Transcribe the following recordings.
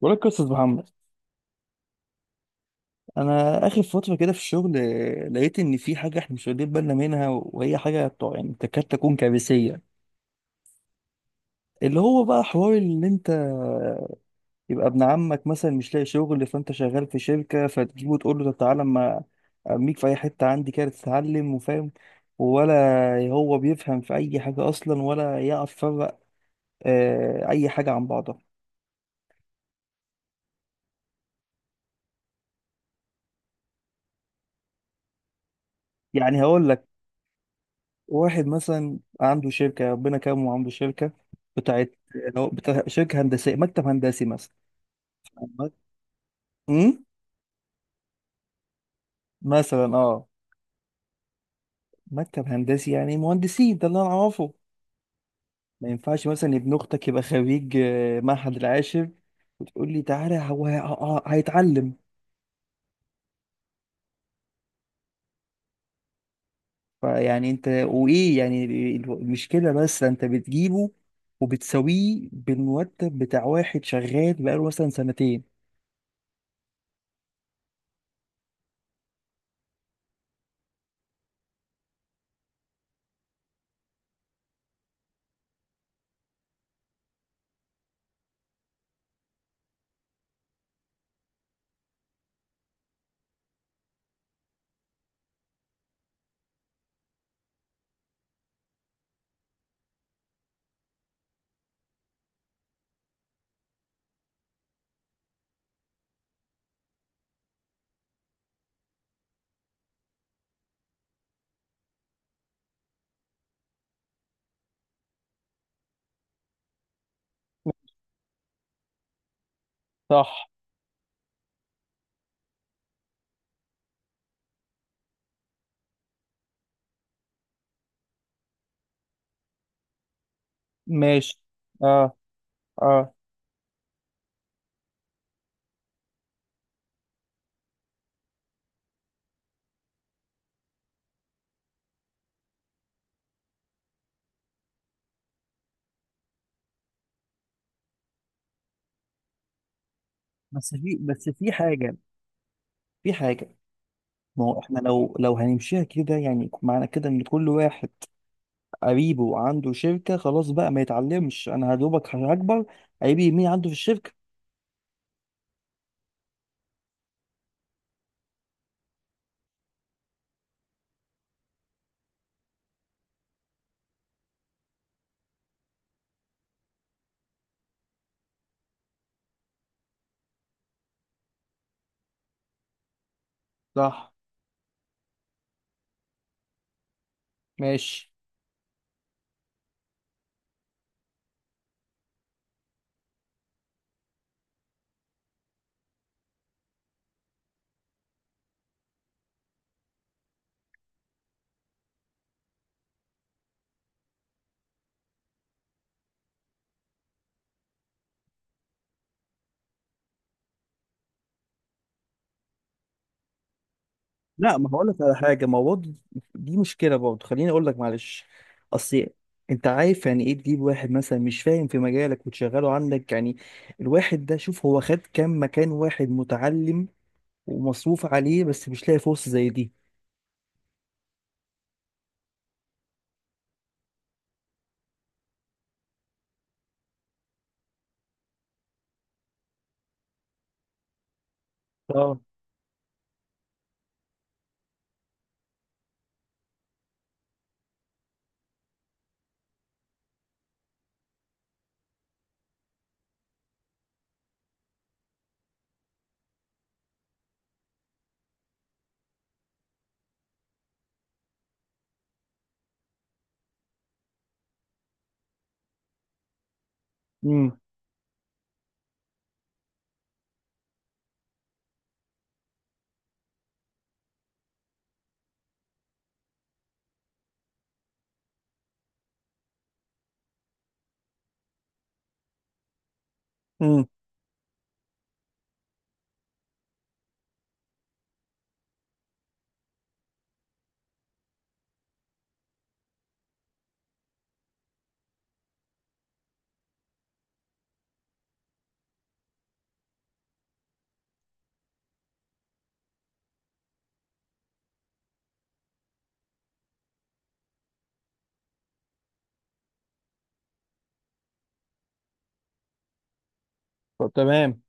بقول لك قصة محمد. انا اخر فتره كده في الشغل، لقيت ان في حاجه احنا مش واخدين بالنا منها، وهي حاجه يعني تكاد تكون كارثيه. اللي هو بقى حوار ان انت، يبقى ابن عمك مثلا مش لاقي شغل، فانت شغال في شركه فتجيبه تقول له طب تعالى اما ارميك في اي حته عندي كده تتعلم وفاهم؟ ولا هو بيفهم في اي حاجه اصلا ولا يعرف يفرق اي حاجه عن بعضها. يعني هقول لك، واحد مثلا عنده شركة، ربنا كرمه عنده شركة بتاعت لو بتاع شركة هندسية، مكتب هندسي مثلا. امم. مثلا اه. مكتب هندسي يعني مهندسين، ده اللي انا اعرفه. ما ينفعش مثلا ابن اختك يبقى خريج معهد العاشر وتقول لي تعالى هو هيتعلم. فيعني انت وايه، يعني المشكله بس انت بتجيبه وبتساويه بالمرتب بتاع واحد شغال بقاله مثلا سنتين. صح. ماشي. اه. اه. بس في حاجة. في حاجة. ما هو احنا لو هنمشيها كده، يعني معنى كده ان كل واحد قريبه عنده شركة خلاص بقى ما يتعلمش، انا هدوبك هكبر، قريبي مين عنده في الشركة؟ صح. ماشي. لا. ما هقول لك على حاجة، ما هو برضه دي مشكلة برضه، خليني اقول لك معلش. اصل انت عارف يعني ايه تجيب واحد مثلا مش فاهم في مجالك وتشغله عندك؟ يعني الواحد ده، شوف هو خد كام مكان. واحد متعلم ومصروف عليه بس مش لاقي فرصة زي دي. اه. امم. طب تمام.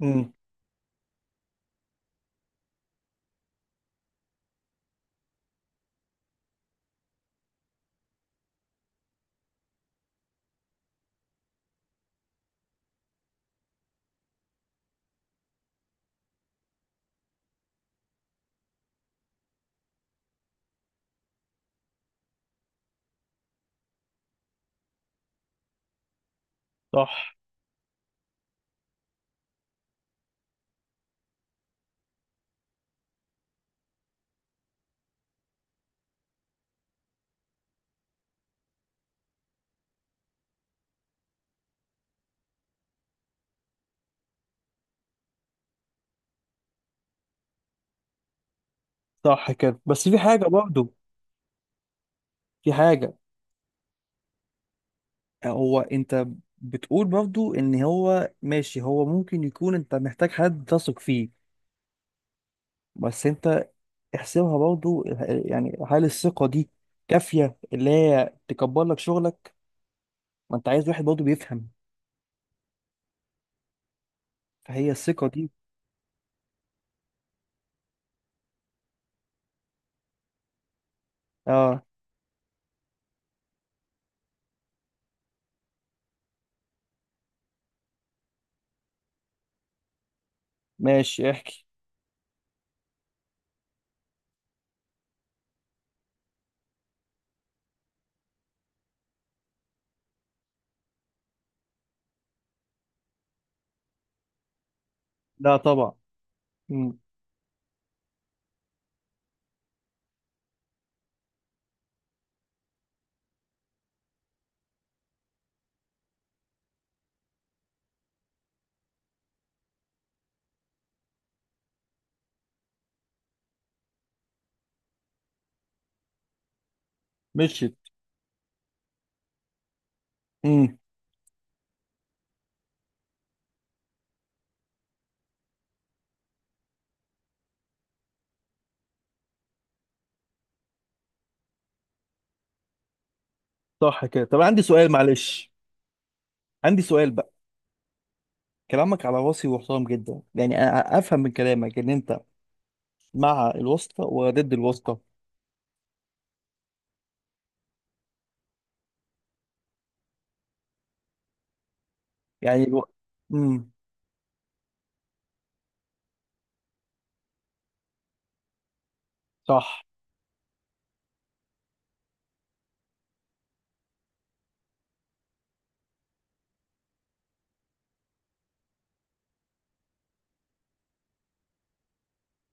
امم. صح. صح كده، بس في حاجه برضو، في حاجه، هو انت بتقول برضو ان هو ماشي، هو ممكن يكون انت محتاج حد تثق فيه. بس انت احسبها برضو، يعني هل الثقه دي كافيه اللي هي تكبر لك شغلك؟ ما انت عايز واحد برضو بيفهم. فهي الثقه دي. اه. ماشي، احكي. لا طبعا. امم. مشيت. امم. صح كده. طب عندي سؤال معلش، عندي سؤال بقى. كلامك على راسي وحرام جدا، يعني انا افهم من كلامك ان انت مع الواسطه وضد الواسطه؟ يعني امم. صح.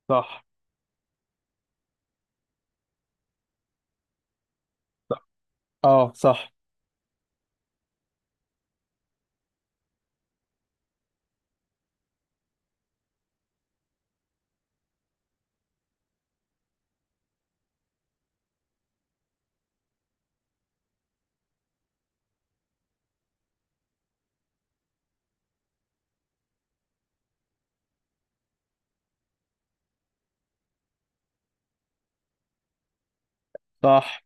صح. صح. اه صح. صح.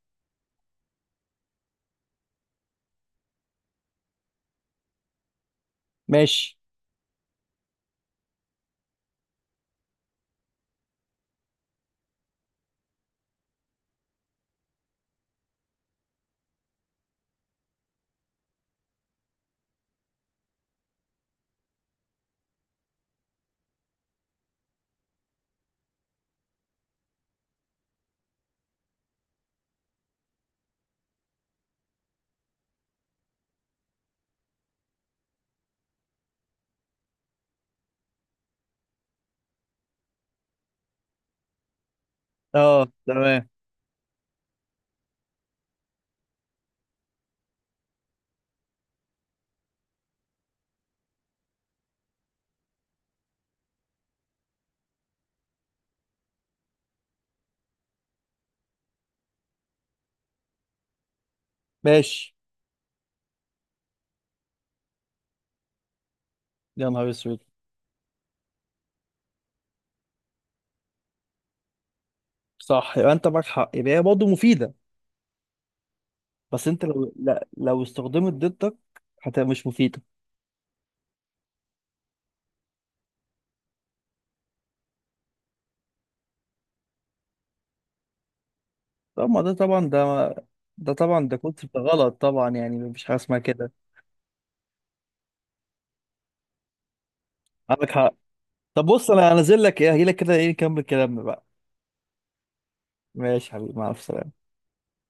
ماشي. اه تمام. ماشي. يا نهار اسود. صح، يبقى انت معاك حق، يبقى هي برضه مفيده. بس انت لو، لا، لو استخدمت ضدك هتبقى مش مفيده. طب ما ده طبعا. ده طبعا ده كنت غلط طبعا، يعني مفيش حاجه اسمها كده. عندك حق. طب بص انا هنزل لك، ايه هجيلك كده، ايه نكمل كلامنا بقى. ماشي يا حبيبي، مع السلامه.